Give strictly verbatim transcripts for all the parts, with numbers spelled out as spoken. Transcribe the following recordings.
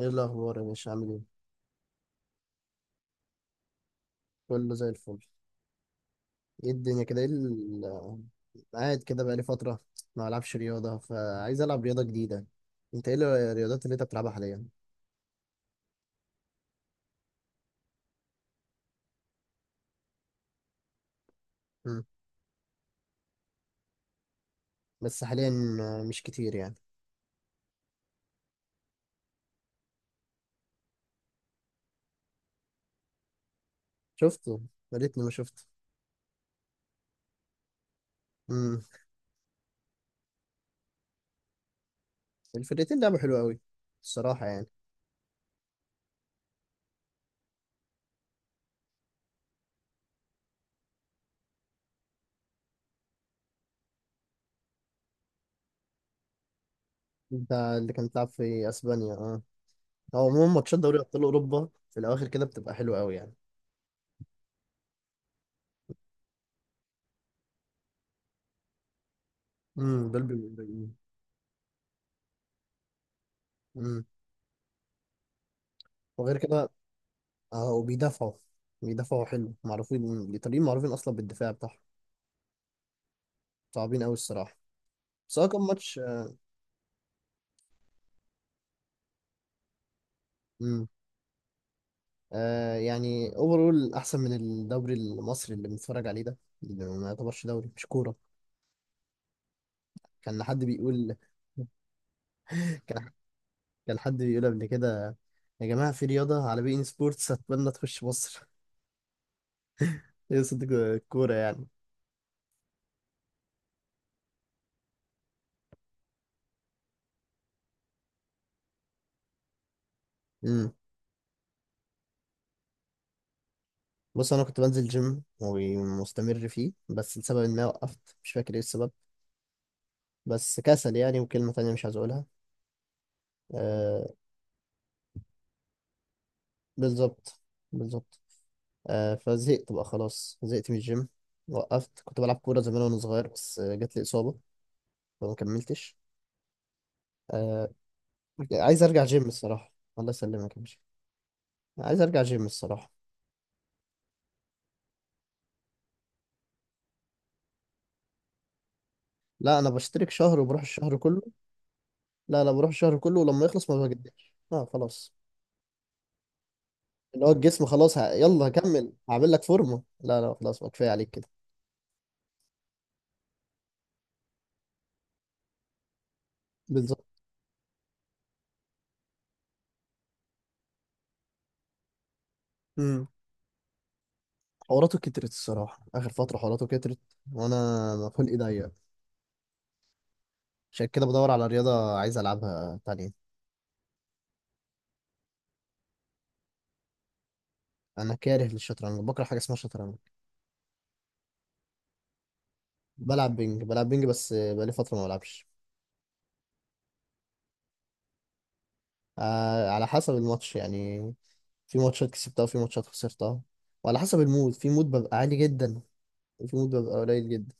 ايه الاخبار يا باشا؟ عامل ايه؟ كله زي الفل. ايه الدنيا كده؟ ايه ال- قاعد كده بقالي فتره، ما العبش رياضه فعايز العب رياضه جديده. انت ايه الرياضات اللي انت بتلعبها حاليا؟ مم. بس حاليا مش كتير يعني. شفته، يا ريتني ما شفته. امم الفرقتين لعبوا حلو قوي الصراحه يعني. انت اللي كان بتلعب في اسبانيا، اه. هو عموما ماتشات دوري ابطال اوروبا في الاواخر كده بتبقى حلوه قوي يعني. امم، دول بيبقوا قريبين. امم. وغير كده اه، وبيدافعوا. بيدافعوا حلو، معروفين الإيطاليين، معروفين أصلا بالدفاع بتاعهم، صعبين أوي الصراحة. بس هو كان ماتش. امم. آه يعني اوفرول أحسن من الدوري المصري اللي بنتفرج عليه ده، اللي ما يعتبرش دوري، مش كورة. كان حد بيقول، كان، كان حد بيقول قبل كده: يا جماعة، في رياضة على بي إن سبورتس، أتمنى تخش مصر. يقصد الكورة يعني. امم. بص، أنا كنت بنزل جيم ومستمر فيه، بس لسبب ما وقفت، مش فاكر إيه السبب. بس كسل يعني، وكلمة تانية مش عايز أقولها. آه، بالظبط، بالظبط. آه، فزهقت بقى، خلاص زهقت من الجيم. وقفت. كنت بلعب كورة زمان وأنا صغير، بس آه، جات لي إصابة، فما كملتش. آه. عايز أرجع جيم الصراحة. الله يسلمك يا باشا. عايز أرجع جيم الصراحة. لا، أنا بشترك شهر وبروح الشهر كله. لا لا، بروح الشهر كله، ولما يخلص ما بجددش، اه خلاص. اللي هو الجسم خلاص، ه... يلا هكمل، هعمل لك فورمة. لا لا، خلاص بقى، كفاية عليك كده. بالظبط. امم. حواراته كترت الصراحة، آخر فترة حواراته كترت. وأنا خلقي ضيق. عشان كده بدور على رياضة عايز ألعبها تانية. أنا كاره للشطرنج، بكره حاجة اسمها شطرنج. بلعب بينج، بلعب بينج، بس بقالي فترة ما بلعبش. آه، على حسب الماتش يعني. في ماتشات كسبتها وفي ماتشات خسرتها، وعلى حسب المود، في مود ببقى عالي جدا وفي مود ببقى قليل جدا،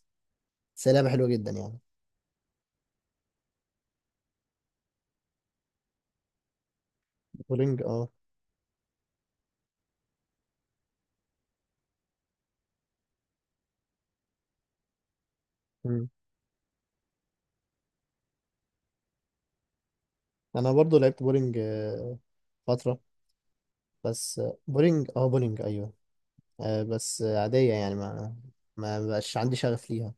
بس هي لعبة حلوة جدا يعني. بولينج، اه. مم. أنا برضو لعبت بولينج آه، فترة. بس آه، بولينج اه، بولينج أيوه. آه بس آه، عادية يعني، ما ما بقاش عندي شغف ليها.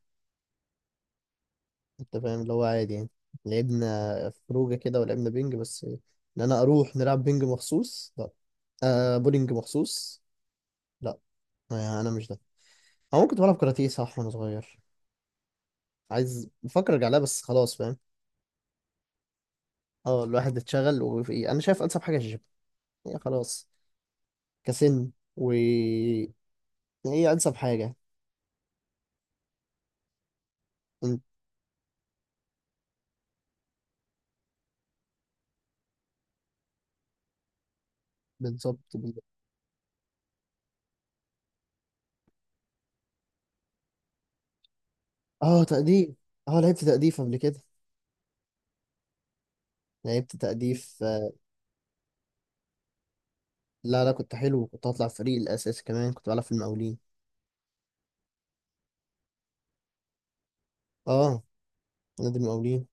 انت فاهم اللي هو عادي يعني. لعبنا خروجه كده ولعبنا بينج، بس ان انا اروح نلعب بينج مخصوص، لا. آه بولينج مخصوص، لا. آه انا مش ده. انا ممكن بلعب كاراتيه، صح، وانا صغير. عايز، بفكر ارجع لها، بس خلاص، فاهم. اه، الواحد اتشغل. وفي، انا شايف انسب حاجه الجيم. هي خلاص. كسن. و، يعني هي انسب حاجه. انت. بالظبط بال- اه تأديف. اه لعبت تأديف قبل كده. لعبت تأديف آه، لا لا، كنت حلو، كنت هطلع فريق الأساسي كمان، كنت بلعب في المقاولين. اه، نادي المقاولين.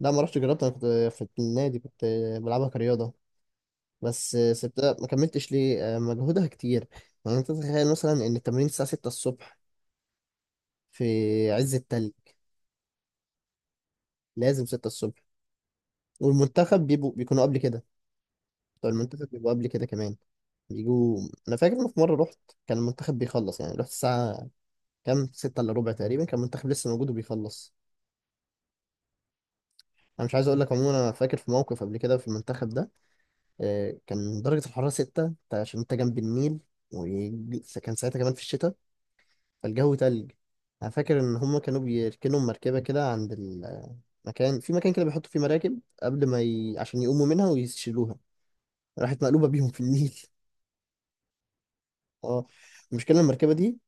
لا ما رحتش جربت، انا كنت في النادي، كنت بلعبها كرياضه، بس سبتها، ما كملتش ليه؟ آه، مجهودها كتير يعني. انت تتخيل مثلا ان التمرين الساعه ستة الصبح في عز التلج. لازم ستة الصبح. والمنتخب بيبقوا بيكونوا قبل كده، بتوع المنتخب بيبقوا قبل كده كمان، بيجوا. انا فاكر ان في مره رحت، كان المنتخب بيخلص يعني، رحت الساعه كام، ستة الا ربع تقريبا، كان المنتخب لسه موجود وبيخلص. انا مش عايز اقول لك. عموما انا فاكر في موقف قبل كده في المنتخب ده، آه، كان درجة الحرارة ستة، أنت- عشان أنت جنب النيل، وكان ساعتها كمان في الشتاء، فالجو تلج. أنا فاكر إن هما كانوا بيركنوا مركبة كده عند المكان، في مكان كده بيحطوا فيه مراكب قبل ما ي... عشان يقوموا منها ويشيلوها، راحت مقلوبة بيهم في النيل. اه. المشكلة إن المركبة دي،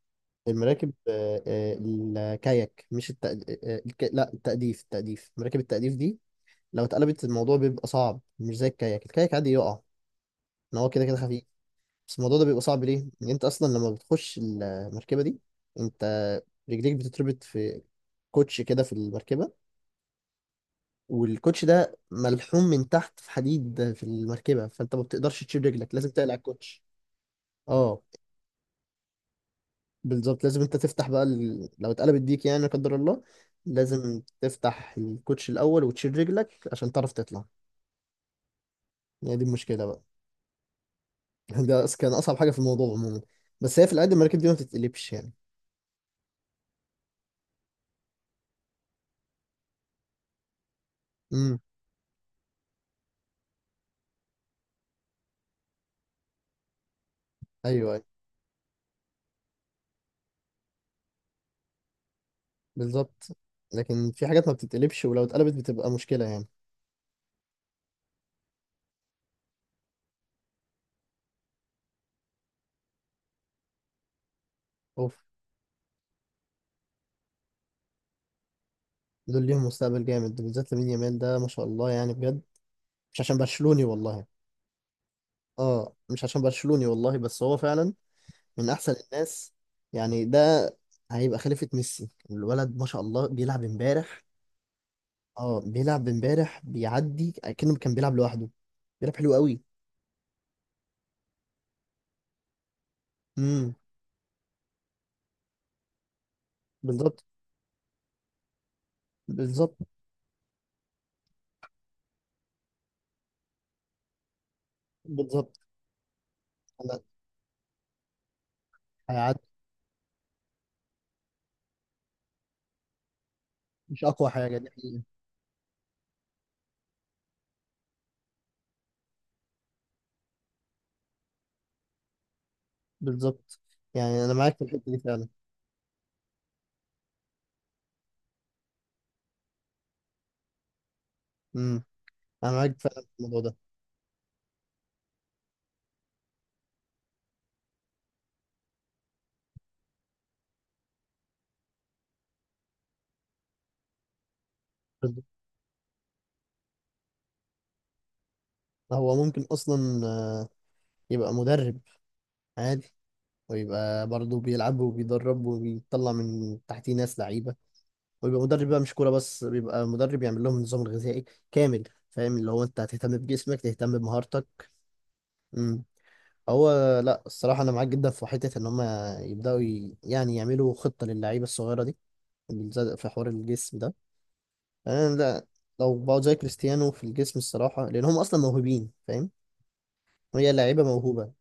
المراكب آه، آه، الكاياك، مش الت... آه، آه، الك... لا التأديف، التأديف، مراكب التأديف دي لو اتقلبت الموضوع بيبقى صعب، مش زي الكاياك. الكاياك عادي يقع، إن هو كده كده خفيف. بس الموضوع ده بيبقى صعب ليه؟ ان انت اصلا لما بتخش المركبه دي، انت رجليك بتتربط في كوتش كده في المركبه، والكوتش ده ملحوم من تحت في حديد في المركبه، فانت ما بتقدرش تشيل رجلك، لازم تقلع الكوتش. اه، بالظبط. لازم انت تفتح بقى ال... لو اتقلبت بيك يعني، لا قدر الله، لازم تفتح الكوتش الاول وتشيل رجلك عشان تعرف تطلع. يعني دي المشكله بقى. ده أص- كان اصعب حاجه في الموضوع عموما. بس هي في العادي المراكب دي ما بتتقلبش يعني. امم. ايوه، أيوه. بالظبط. لكن في حاجات ما بتتقلبش، ولو اتقلبت بتبقى مشكلة يعني. اوف. دول ليهم مستقبل جامد، ده بالذات لامين يامال، ده ما شاء الله يعني، بجد. مش عشان برشلوني والله. اه مش عشان برشلوني والله، بس هو فعلا من احسن الناس يعني. ده هيبقى خليفة ميسي الولد، ما شاء الله، بيلعب امبارح. اه بيلعب امبارح بيعدي كأنه كان بيلعب لوحده، بيلعب حلو قوي. امم. بالظبط، بالظبط، بالظبط. أنا- هيعدي. مش اقوى حاجة دي حقيقة. بالظبط. يعني انا معاك في الحتة دي فعلا. امم. انا معاك فعلا في الموضوع ده. بالظبط. هو ممكن اصلا آه، يبقى مدرب عادي، ويبقى برضه بيلعب وبيدرب وبيطلع من تحتيه ناس لعيبه. ويبقى مدرب بقى، مش كوره بس، بيبقى مدرب يعمل لهم النظام الغذائي كامل. فاهم اللي هو انت هتهتم بجسمك، تهتم بمهارتك. امم. هو، لا الصراحه انا معاك جدا في حته ان هم يبداوا ي... يعني يعملوا خطه للعيبه الصغيره دي، بالذات في حوار الجسم ده. انا، لا، لو بقوا زي كريستيانو في الجسم الصراحه، لان هم اصلا موهوبين، فاهم، هي لعيبه موهوبه.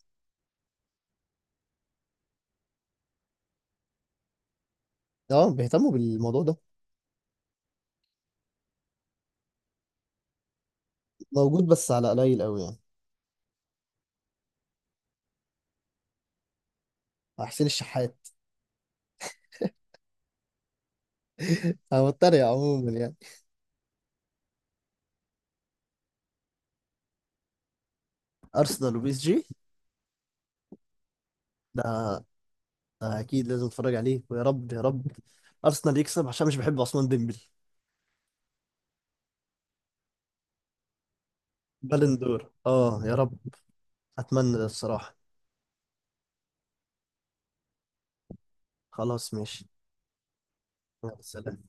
اه بيهتموا بالموضوع ده. موجود بس على قليل قوي يعني. حسين الشحات. انا بتريق عموما يعني. ارسنال وبي اس جي. ده، ده اكيد لازم اتفرج عليه، ويا رب يا رب ارسنال يكسب عشان مش بحب عثمان ديمبلي. بالندور، اه يا رب. اتمنى ده الصراحه. خلاص ماشي. يلا، سلام.